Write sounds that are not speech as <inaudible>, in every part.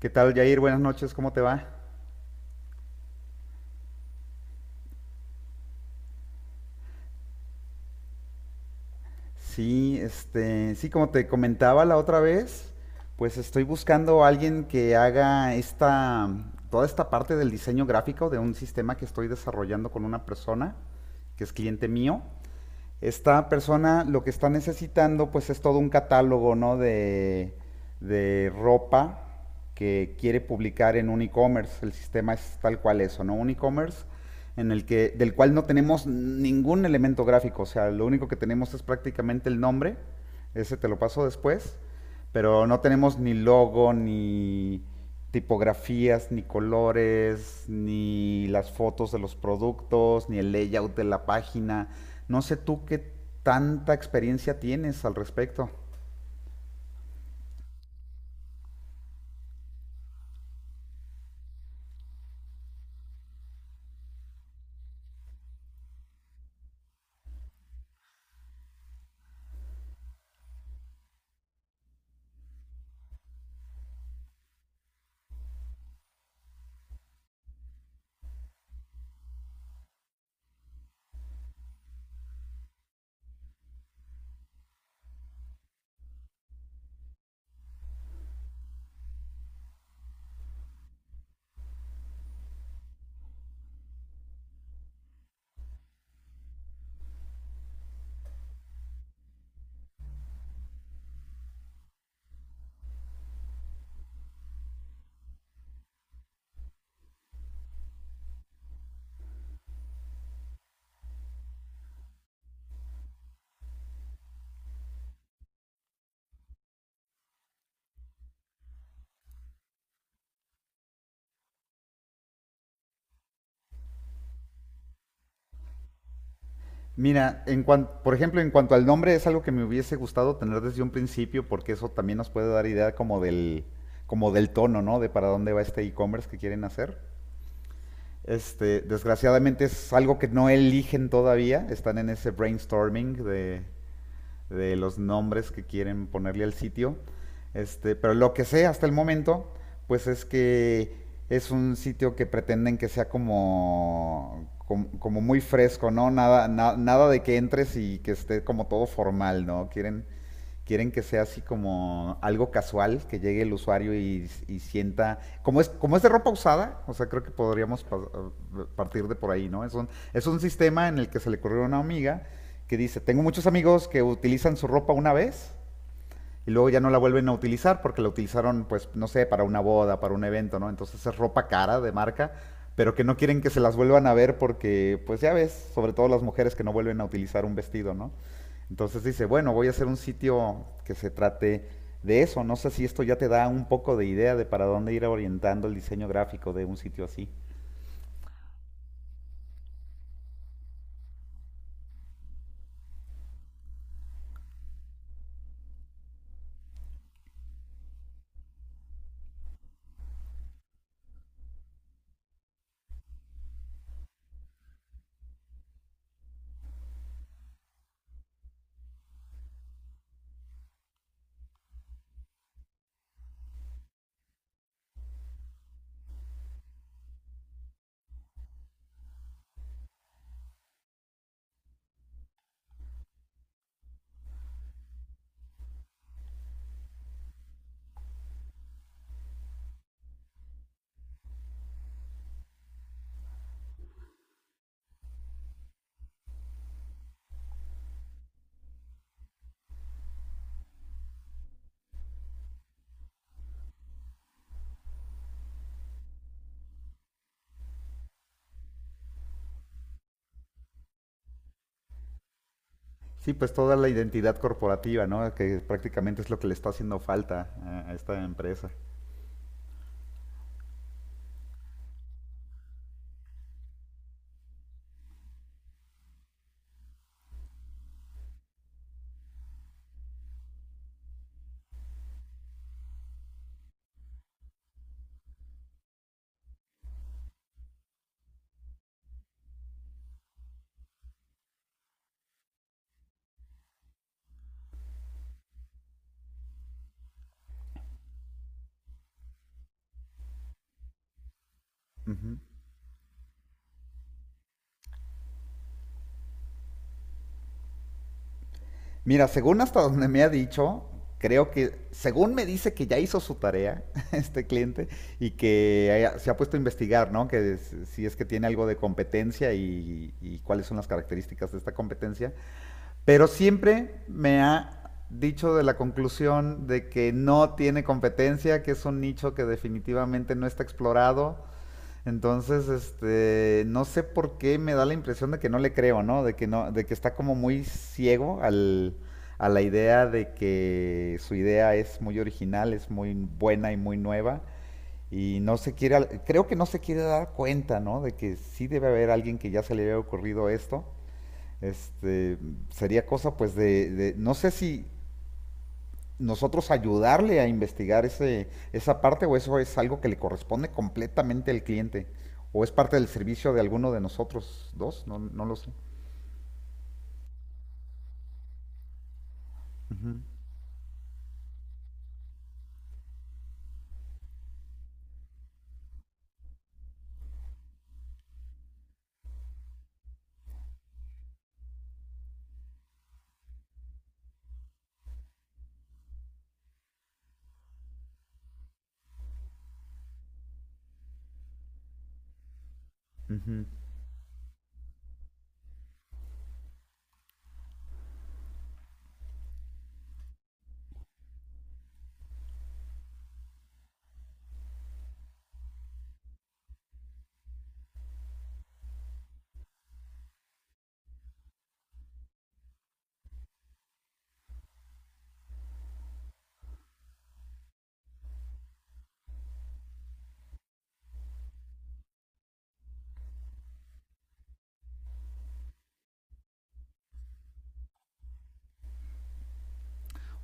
¿Qué tal, Jair? Buenas noches, ¿cómo te va? Sí, sí, como te comentaba la otra vez, pues estoy buscando a alguien que haga toda esta parte del diseño gráfico de un sistema que estoy desarrollando con una persona que es cliente mío. Esta persona lo que está necesitando pues es todo un catálogo, ¿no? De ropa que quiere publicar en un e-commerce. El sistema es tal cual eso, ¿no? Un e-commerce en el que, del cual no tenemos ningún elemento gráfico. O sea, lo único que tenemos es prácticamente el nombre. Ese te lo paso después. Pero no tenemos ni logo, ni tipografías, ni colores, ni las fotos de los productos, ni el layout de la página. No sé tú qué tanta experiencia tienes al respecto. Mira, por ejemplo, en cuanto al nombre, es algo que me hubiese gustado tener desde un principio, porque eso también nos puede dar idea como del tono, ¿no? De para dónde va este e-commerce que quieren hacer. Desgraciadamente es algo que no eligen todavía, están en ese brainstorming de los nombres que quieren ponerle al sitio. Pero lo que sé hasta el momento, pues es que es un sitio que pretenden que sea como muy fresco, ¿no? Nada de que entres y que esté como todo formal, ¿no? Quieren, quieren que sea así como algo casual, que llegue el usuario y sienta, como es de ropa usada, o sea, creo que podríamos partir de por ahí, ¿no? Es un sistema en el que se le ocurrió a una amiga que dice, tengo muchos amigos que utilizan su ropa una vez y luego ya no la vuelven a utilizar porque la utilizaron, pues, no sé, para una boda, para un evento, ¿no? Entonces es ropa cara de marca, pero que no quieren que se las vuelvan a ver porque, pues ya ves, sobre todo las mujeres que no vuelven a utilizar un vestido, ¿no? Entonces dice, bueno, voy a hacer un sitio que se trate de eso. No sé si esto ya te da un poco de idea de para dónde ir orientando el diseño gráfico de un sitio así. Sí, pues toda la identidad corporativa, ¿no? Que prácticamente es lo que le está haciendo falta a esta empresa. Ujú. Mira, según hasta donde me ha dicho, creo que, según me dice que ya hizo su tarea <laughs> este cliente y se ha puesto a investigar, ¿no? Que si es que tiene algo de competencia y cuáles son las características de esta competencia, pero siempre me ha dicho de la conclusión de que no tiene competencia, que es un nicho que definitivamente no está explorado. Entonces, no sé por qué me da la impresión de que no le creo, ¿no? De que no, de que está como muy ciego al, a la idea de que su idea es muy original, es muy buena y muy nueva. Y no se quiere, creo que no se quiere dar cuenta, ¿no? De que sí debe haber alguien que ya se le haya ocurrido esto. Este, sería cosa pues de, no sé si nosotros ayudarle a investigar ese, esa parte o eso es algo que le corresponde completamente al cliente o es parte del servicio de alguno de nosotros dos, no, no lo sé. Ujú, ujú.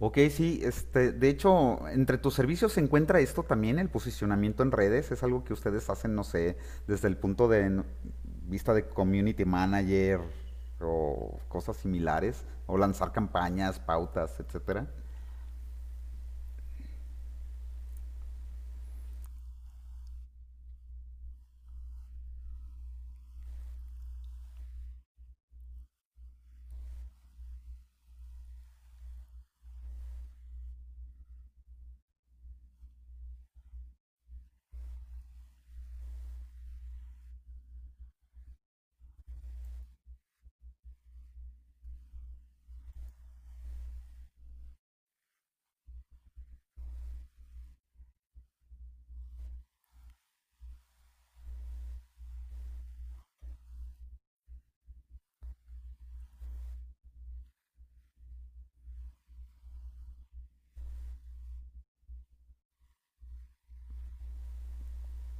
Ok, sí, de hecho, entre tus servicios se encuentra esto también, el posicionamiento en redes, es algo que ustedes hacen, no sé, desde el punto de vista de community manager o cosas similares, o lanzar campañas, pautas, etcétera.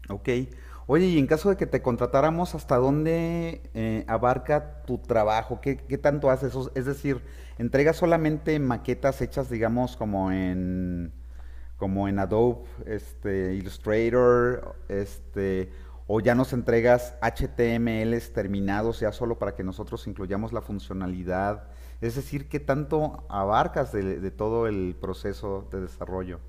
Ok. Oye, y en caso de que te contratáramos, ¿hasta dónde abarca tu trabajo? ¿Qué, qué tanto haces? Es decir, ¿entregas solamente maquetas hechas, digamos, como en, como en Adobe, Illustrator, o ya nos entregas HTMLs terminados ya solo para que nosotros incluyamos la funcionalidad? Es decir, ¿qué tanto abarcas de todo el proceso de desarrollo?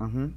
Ujú,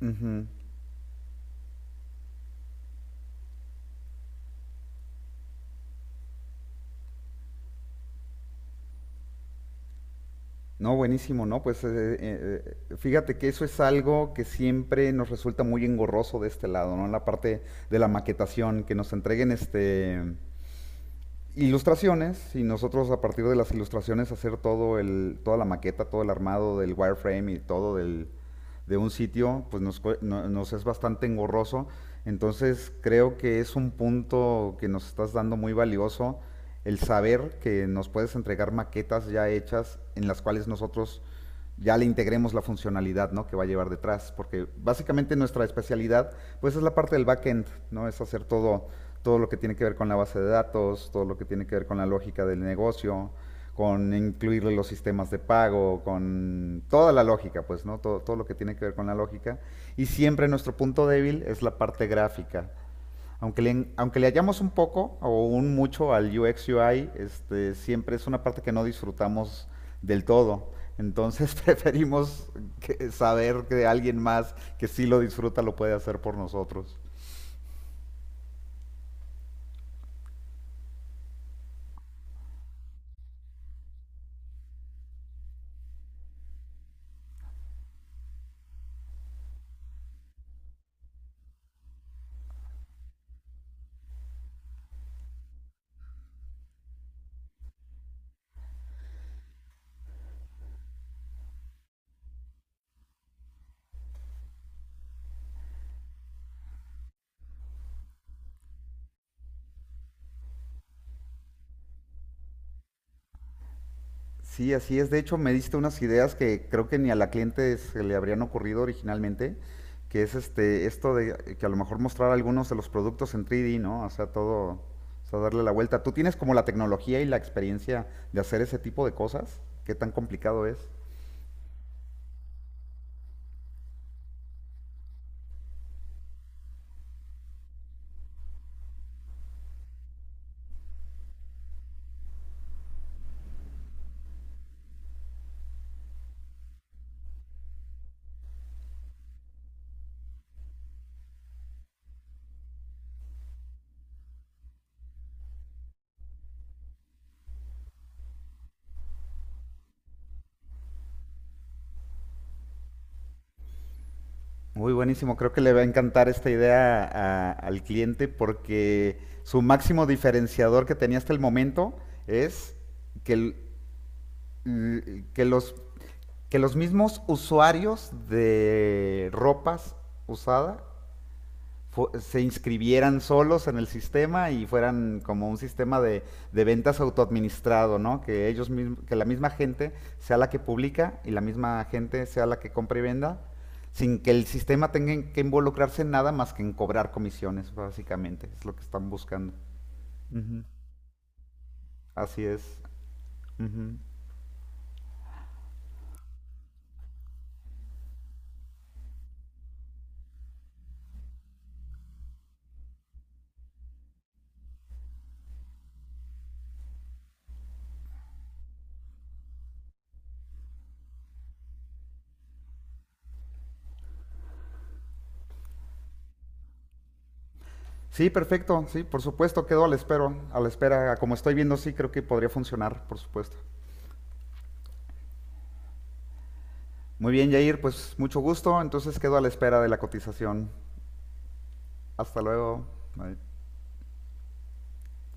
ujú. No, buenísimo, ¿no? Pues fíjate que eso es algo que siempre nos resulta muy engorroso de este lado, ¿no? La parte de la maquetación, que nos entreguen este ilustraciones y nosotros a partir de las ilustraciones hacer todo el, toda la maqueta, todo el armado del wireframe y todo del, de un sitio, pues nos, nos es bastante engorroso. Entonces creo que es un punto que nos estás dando muy valioso, el saber que nos puedes entregar maquetas ya hechas en las cuales nosotros ya le integremos la funcionalidad, ¿no?, que va a llevar detrás, porque básicamente nuestra especialidad pues es la parte del backend, ¿no? Es hacer todo, todo lo que tiene que ver con la base de datos, todo lo que tiene que ver con la lógica del negocio, con incluirle los sistemas de pago, con toda la lógica, pues, ¿no? Todo, todo lo que tiene que ver con la lógica. Y siempre nuestro punto débil es la parte gráfica. Aunque le hallamos un poco o un mucho al UX UI, siempre es una parte que no disfrutamos del todo. Entonces <laughs> preferimos saber que alguien más que sí lo disfruta lo puede hacer por nosotros. Sí, así es. De hecho, me diste unas ideas que creo que ni a la cliente se le habrían ocurrido originalmente, que es esto de que a lo mejor mostrar algunos de los productos en 3D, ¿no? O sea, todo, o sea, darle la vuelta. ¿Tú tienes como la tecnología y la experiencia de hacer ese tipo de cosas? ¿Qué tan complicado es? Muy buenísimo, creo que le va a encantar esta idea al cliente porque su máximo diferenciador que tenía hasta el momento es que, l- que los que los mismos usuarios de ropas usada se inscribieran solos en el sistema y fueran como un sistema de ventas autoadministrado, ¿no? Que ellos mismos, que la misma gente sea la que publica y la misma gente sea la que compra y venda, sin que el sistema tenga que involucrarse en nada más que en cobrar comisiones, básicamente, es lo que están buscando. Ujú. Así es. Ujú. Sí, perfecto, sí, por supuesto, quedo a la espera, como estoy viendo, sí, creo que podría funcionar, por supuesto. Muy bien, Jair, pues mucho gusto, entonces quedo a la espera de la cotización. Hasta luego. Bye.